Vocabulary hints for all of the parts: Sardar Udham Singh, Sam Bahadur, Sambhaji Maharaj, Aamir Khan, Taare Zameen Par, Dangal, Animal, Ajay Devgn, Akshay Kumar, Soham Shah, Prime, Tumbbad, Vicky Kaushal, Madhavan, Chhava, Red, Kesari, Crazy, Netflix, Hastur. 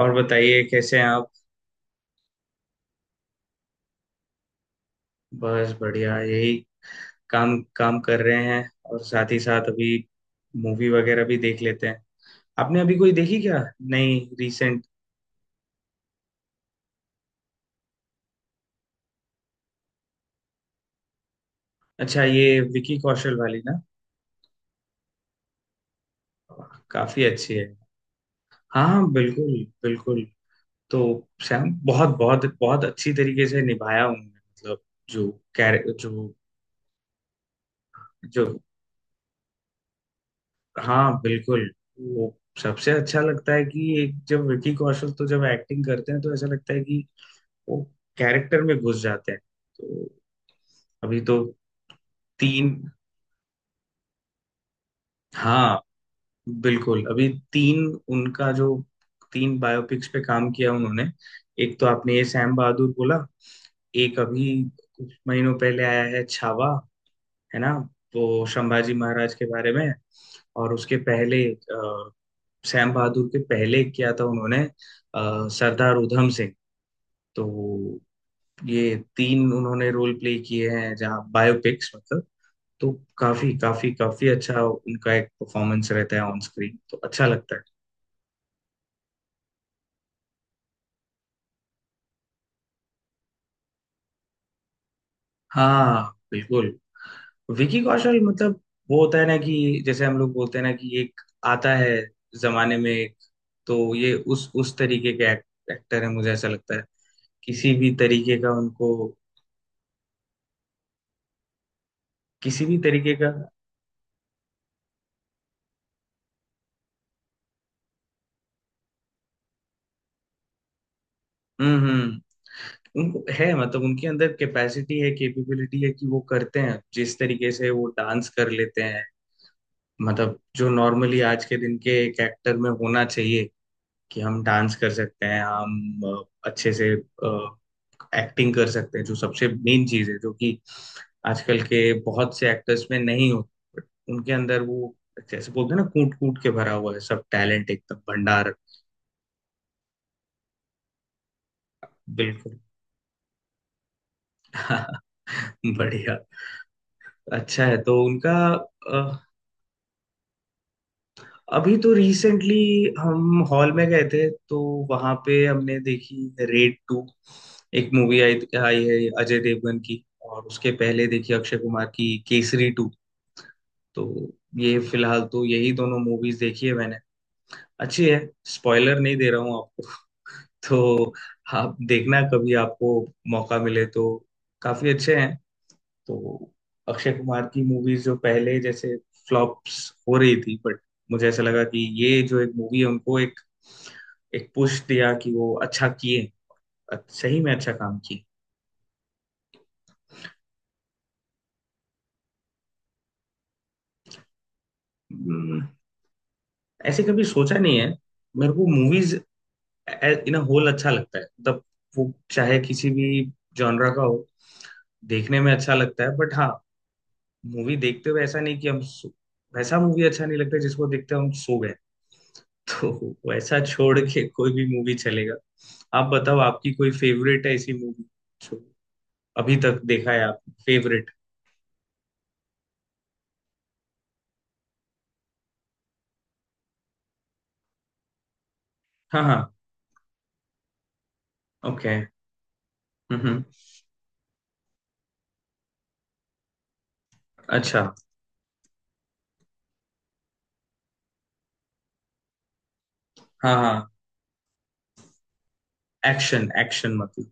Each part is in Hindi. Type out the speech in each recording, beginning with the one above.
और बताइए कैसे हैं आप। बस बढ़िया, यही काम काम कर रहे हैं और साथ ही साथ अभी मूवी वगैरह भी देख लेते हैं। आपने अभी कोई देखी क्या? नहीं, रिसेंट? अच्छा, ये विकी कौशल वाली ना, काफी अच्छी है। हाँ हाँ, बिल्कुल बिल्कुल। तो सैम बहुत बहुत बहुत अच्छी तरीके से निभाया उन्होंने, मतलब जो कैर जो जो, हाँ बिल्कुल, वो सबसे अच्छा लगता है कि एक जब विकी कौशल, तो जब एक्टिंग करते हैं तो ऐसा लगता है कि वो कैरेक्टर में घुस जाते हैं। तो अभी तो तीन, हाँ बिल्कुल, अभी तीन उनका जो, तीन बायोपिक्स पे काम किया उन्होंने। एक तो आपने ये सैम बहादुर बोला, एक अभी कुछ महीनों पहले आया है छावा, है ना, वो संभाजी महाराज के बारे में। और उसके पहले सैम बहादुर के पहले किया था उन्होंने सरदार उधम सिंह। तो ये तीन उन्होंने रोल प्ले किए हैं जहाँ बायोपिक्स, मतलब, तो काफी काफी काफी अच्छा उनका एक परफॉर्मेंस रहता है ऑन स्क्रीन, तो अच्छा लगता है। हाँ बिल्कुल, विकी कौशल, मतलब वो होता है ना, कि जैसे हम लोग बोलते हैं ना कि एक आता है जमाने में एक, तो ये उस तरीके के एक्टर है, मुझे ऐसा लगता है। किसी भी तरीके का उनको, किसी भी तरीके का। हम्म। उनको है, मतलब उनके अंदर कैपेसिटी है, कैपेबिलिटी है, कि वो करते हैं, जिस तरीके से वो डांस कर लेते हैं, मतलब जो नॉर्मली आज के दिन के एक एक्टर में होना चाहिए, कि हम डांस कर सकते हैं, हम अच्छे से एक्टिंग कर सकते हैं, जो सबसे मेन चीज है, जो कि आजकल के बहुत से एक्टर्स में नहीं होती। बट उनके अंदर वो, जैसे बोलते हैं ना, कूट कूट के भरा हुआ है, सब टैलेंट एकदम भंडार। बिल्कुल बढ़िया। अच्छा है तो उनका। अभी तो रिसेंटली हम हॉल में गए थे, तो वहां पे हमने देखी रेड टू, एक मूवी आई आई है, अजय देवगन की। और उसके पहले देखी अक्षय कुमार की केसरी टू। तो ये फिलहाल तो यही दोनों मूवीज देखी है मैंने। अच्छी है। स्पॉइलर नहीं दे रहा हूँ आपको तो आप देखना, कभी आपको मौका मिले तो, काफी अच्छे हैं। तो अक्षय कुमार की मूवीज जो पहले जैसे फ्लॉप्स हो रही थी, बट मुझे ऐसा लगा कि ये जो एक मूवी है उनको एक, एक पुश दिया कि वो अच्छा किए, सही में अच्छा काम किए। हम्म, ऐसे कभी सोचा नहीं है, मेरे को मूवीज इन होल अच्छा लगता है, मतलब वो चाहे किसी भी जॉनरा का हो, देखने में अच्छा लगता है। बट हाँ, मूवी देखते हुए ऐसा नहीं कि वैसा मूवी अच्छा नहीं लगता जिसको देखते हुए हम सो गए। तो वैसा छोड़ के कोई भी मूवी चलेगा। आप बताओ, आपकी कोई फेवरेट है ऐसी मूवी जो अभी तक देखा है आप? फेवरेट। हाँ हाँ। ओके। हम्म। अच्छा। हाँ हाँ, एक्शन एक्शन, मतलब।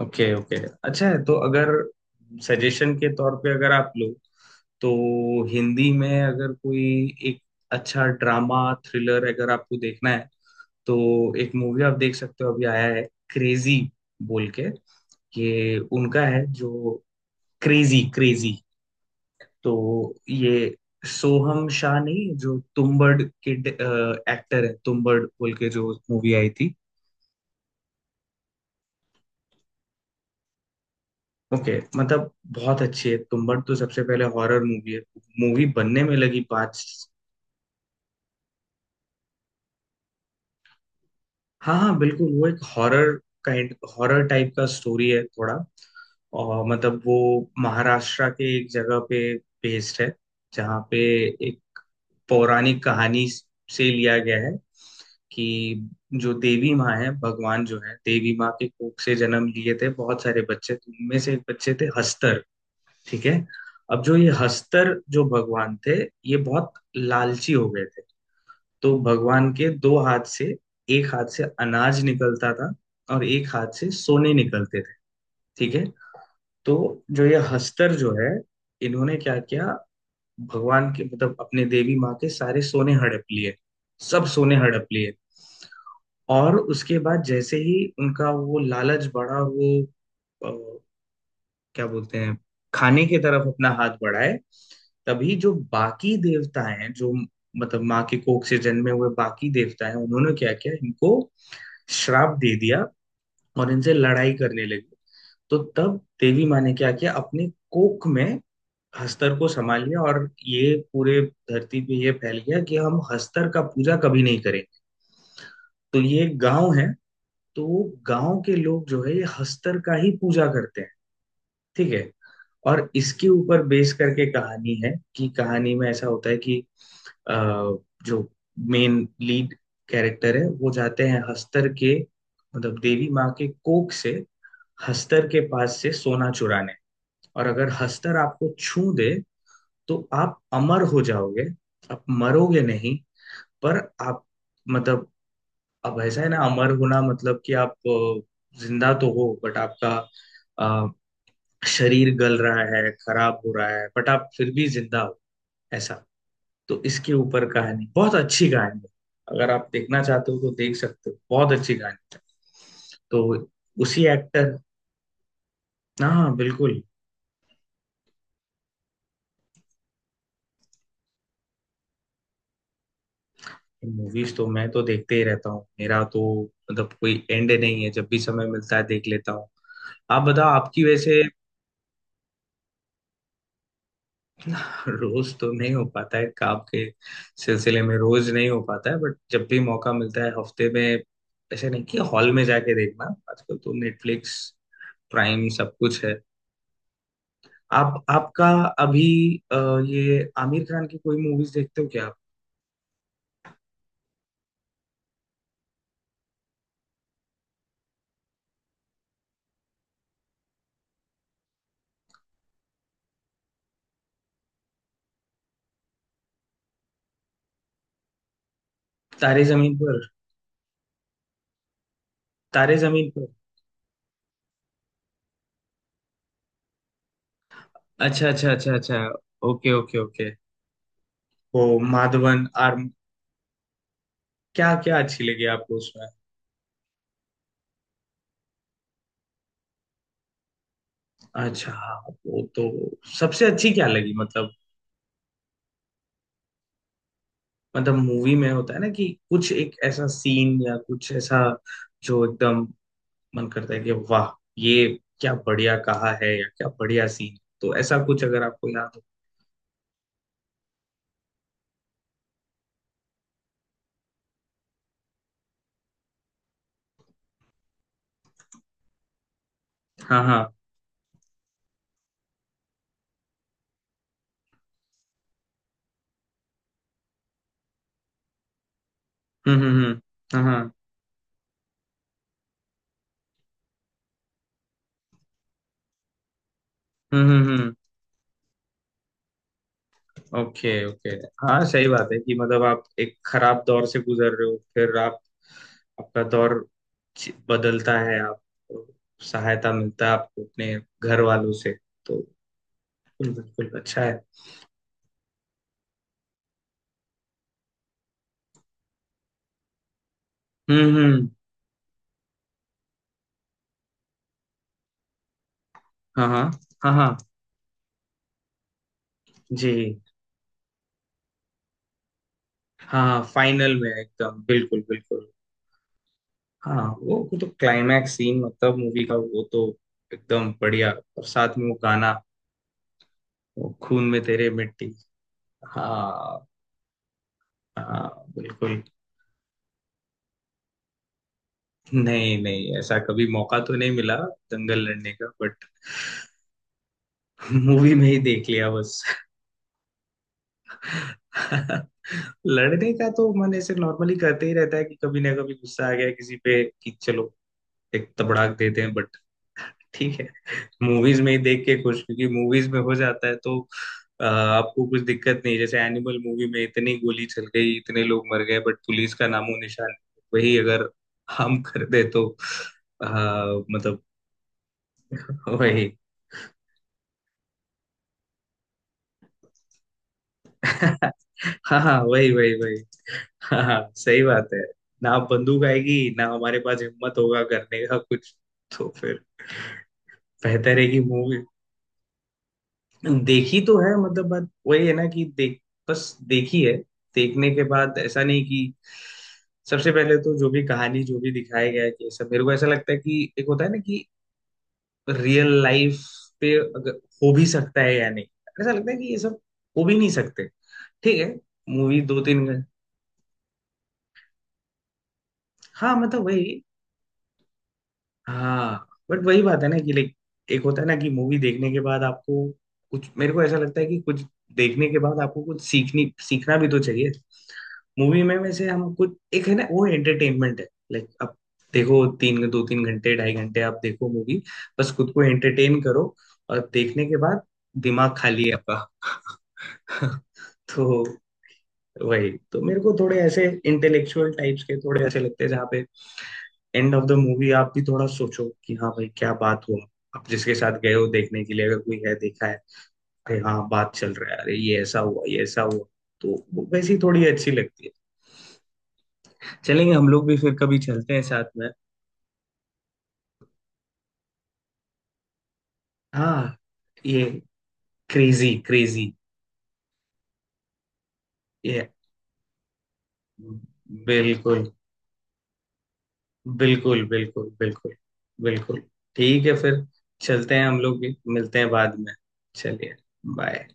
Okay okay. अच्छा है, तो अगर सजेशन के तौर पे अगर आप लो, तो हिंदी में अगर कोई एक अच्छा ड्रामा थ्रिलर अगर आपको देखना है, तो एक मूवी आप देख सकते हो, अभी आया है क्रेजी बोल के। ये उनका है जो, क्रेजी क्रेजी तो ये सोहम शाह, नहीं जो तुम्बड़ के एक्टर है, तुम्बड़ बोल के जो मूवी आई थी। ओके, मतलब बहुत अच्छी है तुम्बड़ तो, सबसे पहले हॉरर मूवी है, मूवी बनने में लगी पाँच। हाँ हाँ बिल्कुल, वो एक हॉरर काइंड, हॉरर टाइप का स्टोरी है थोड़ा। और मतलब वो महाराष्ट्र के एक जगह पे बेस्ड है, जहाँ पे एक पौराणिक कहानी से लिया गया है, कि जो देवी माँ है, भगवान जो है, देवी माँ के कोख से जन्म लिए थे बहुत सारे बच्चे, तो उनमें से एक बच्चे थे हस्तर। ठीक है। अब जो ये हस्तर जो भगवान थे, ये बहुत लालची हो गए थे। तो भगवान के दो हाथ से, एक हाथ से अनाज निकलता था और एक हाथ से सोने निकलते थे। ठीक है। तो जो ये हस्तर जो है, इन्होंने क्या किया, भगवान के, मतलब अपने देवी माँ के सारे सोने हड़प लिए। सब सोने हड़प लिए। और उसके बाद जैसे ही उनका वो लालच बढ़ा, वो अ, क्या बोलते हैं, खाने की तरफ अपना हाथ बढ़ाए, तभी जो बाकी देवता हैं, जो मतलब माँ के कोख से जन्मे हुए बाकी देवता हैं, उन्होंने क्या किया इनको, श्राप दे दिया और इनसे लड़ाई करने लगे। तो तब देवी माँ ने क्या किया, अपने कोख में हस्तर को संभाल लिया, और ये पूरे धरती पे ये फैल गया कि हम हस्तर का पूजा कभी नहीं करें। तो ये एक गांव है, तो गांव के लोग जो है, ये हस्तर का ही पूजा करते हैं। ठीक है। और इसके ऊपर बेस करके कहानी है कि, कहानी में ऐसा होता है कि, अ, जो मेन लीड कैरेक्टर है, वो जाते हैं हस्तर के, मतलब देवी माँ के कोख से हस्तर के पास से सोना चुराने। और अगर हस्तर आपको छू दे, तो आप अमर हो जाओगे, आप मरोगे नहीं। पर आप, मतलब, अब ऐसा है ना, अमर होना मतलब कि आप जिंदा तो हो बट आपका अ, शरीर गल रहा है, खराब हो रहा है, बट आप फिर भी जिंदा हो, ऐसा। तो इसके ऊपर कहानी, बहुत अच्छी कहानी है। अगर आप देखना चाहते हो तो देख सकते हो, बहुत अच्छी कहानी है। तो उसी एक्टर, हाँ बिल्कुल। मूवीज तो मैं तो देखते ही रहता हूँ, मेरा तो मतलब कोई एंड नहीं है, जब भी समय मिलता है देख लेता हूँ। आप बताओ आपकी वैसे। रोज तो नहीं हो पाता है, काम के सिलसिले में रोज नहीं हो पाता है, बट जब भी मौका मिलता है, हफ्ते में, ऐसे नहीं कि हॉल में जाके देखना, आजकल तो नेटफ्लिक्स प्राइम सब कुछ है। आप, आपका अभी, ये आमिर खान की कोई मूवीज देखते हो क्या आप? तारे जमीन पर। तारे जमीन पर। अच्छा अच्छा अच्छा अच्छा। Okay okay okay. वो माधवन आर, क्या क्या अच्छी लगी आपको उसमें? अच्छा हाँ, वो तो सबसे अच्छी क्या लगी, मतलब, मतलब मूवी में होता है ना कि कुछ एक ऐसा सीन, या कुछ ऐसा जो एकदम मन करता है कि वाह, ये क्या बढ़िया कहा है, या क्या बढ़िया सीन, तो ऐसा कुछ अगर आपको याद हो। हाँ हाँ। हम्म। हाँ हाँ। हम्म। Okay okay. हाँ सही बात है कि, मतलब आप एक खराब दौर से गुजर रहे हो, फिर आप, आपका दौर बदलता है, आप सहायता मिलता है आपको अपने घर वालों से। तो बिल्कुल बिल्कुल, अच्छा है। हम्म। हाँ हाँ। हाँ हाँ। जी। हाँ फाइनल में एकदम, बिल्कुल बिल्कुल। हाँ वो तो क्लाइमैक्स सीन, मतलब मूवी का, वो तो एकदम बढ़िया। और साथ में वो गाना, वो खून में तेरे मिट्टी। हाँ हाँ बिल्कुल। नहीं नहीं, ऐसा कभी मौका तो नहीं मिला दंगल लड़ने का, बट मूवी में ही देख लिया बस। लड़ने का तो मन ऐसे नॉर्मली करते ही रहता है कि कभी ना कभी गुस्सा आ गया किसी पे कि चलो एक तबड़ाक देते हैं, बट ठीक है, मूवीज में ही देख के खुश, क्योंकि मूवीज में हो जाता है तो आपको कुछ दिक्कत नहीं, जैसे एनिमल मूवी में इतनी गोली चल गई, इतने लोग मर गए, बट पुलिस का नामो निशान नहीं। वही अगर हम कर दे तो अ, मतलब, वही। हाँ हाँ, वही वही वही हाँ हाँ, सही बात है। ना बंदूक आएगी, ना हमारे पास हिम्मत होगा करने का कुछ। तो फिर बेहतर है कि मूवी। देखी तो है, मतलब बात वही है ना कि देख, बस देखी है, देखने के बाद ऐसा नहीं कि, सबसे पहले तो जो भी कहानी जो भी दिखाया गया है कि, सब मेरे को ऐसा लगता है कि, एक होता है ना कि रियल लाइफ पे अगर हो भी सकता है या नहीं, ऐसा लगता है कि ये सब हो भी नहीं सकते। ठीक है, मूवी दो तीन घंटे। हाँ मतलब वही। हाँ, बट वही बात है ना कि लाइक, एक होता है ना कि मूवी देखने के बाद आपको कुछ, मेरे को ऐसा लगता है कि कुछ देखने के बाद आपको कुछ सीखनी सीखना भी तो चाहिए। मूवी में वैसे हम कुछ एक है ना, वो एंटरटेनमेंट है, लाइक अब देखो, तीन दो तीन घंटे, ढाई घंटे आप देखो मूवी, बस खुद को एंटरटेन करो। और देखने के बाद दिमाग खाली है आपका तो वही तो, मेरे को थोड़े ऐसे इंटेलेक्चुअल टाइप्स के थोड़े ऐसे लगते हैं जहाँ पे एंड ऑफ द मूवी आप भी थोड़ा सोचो कि हाँ भाई क्या बात हुआ, आप जिसके साथ गए हो देखने के लिए अगर कोई है देखा है, अरे हाँ बात चल रहा है, अरे ये ऐसा हुआ, ये ऐसा हुआ। तो वो वैसी थोड़ी अच्छी लगती है। चलेंगे हम लोग भी, फिर कभी चलते हैं साथ में। हाँ, ये क्रेजी क्रेजी ये बिल्कुल, बिल्कुल बिल्कुल बिल्कुल बिल्कुल ठीक है फिर, चलते हैं हम लोग भी, मिलते हैं बाद में। चलिए। बाय।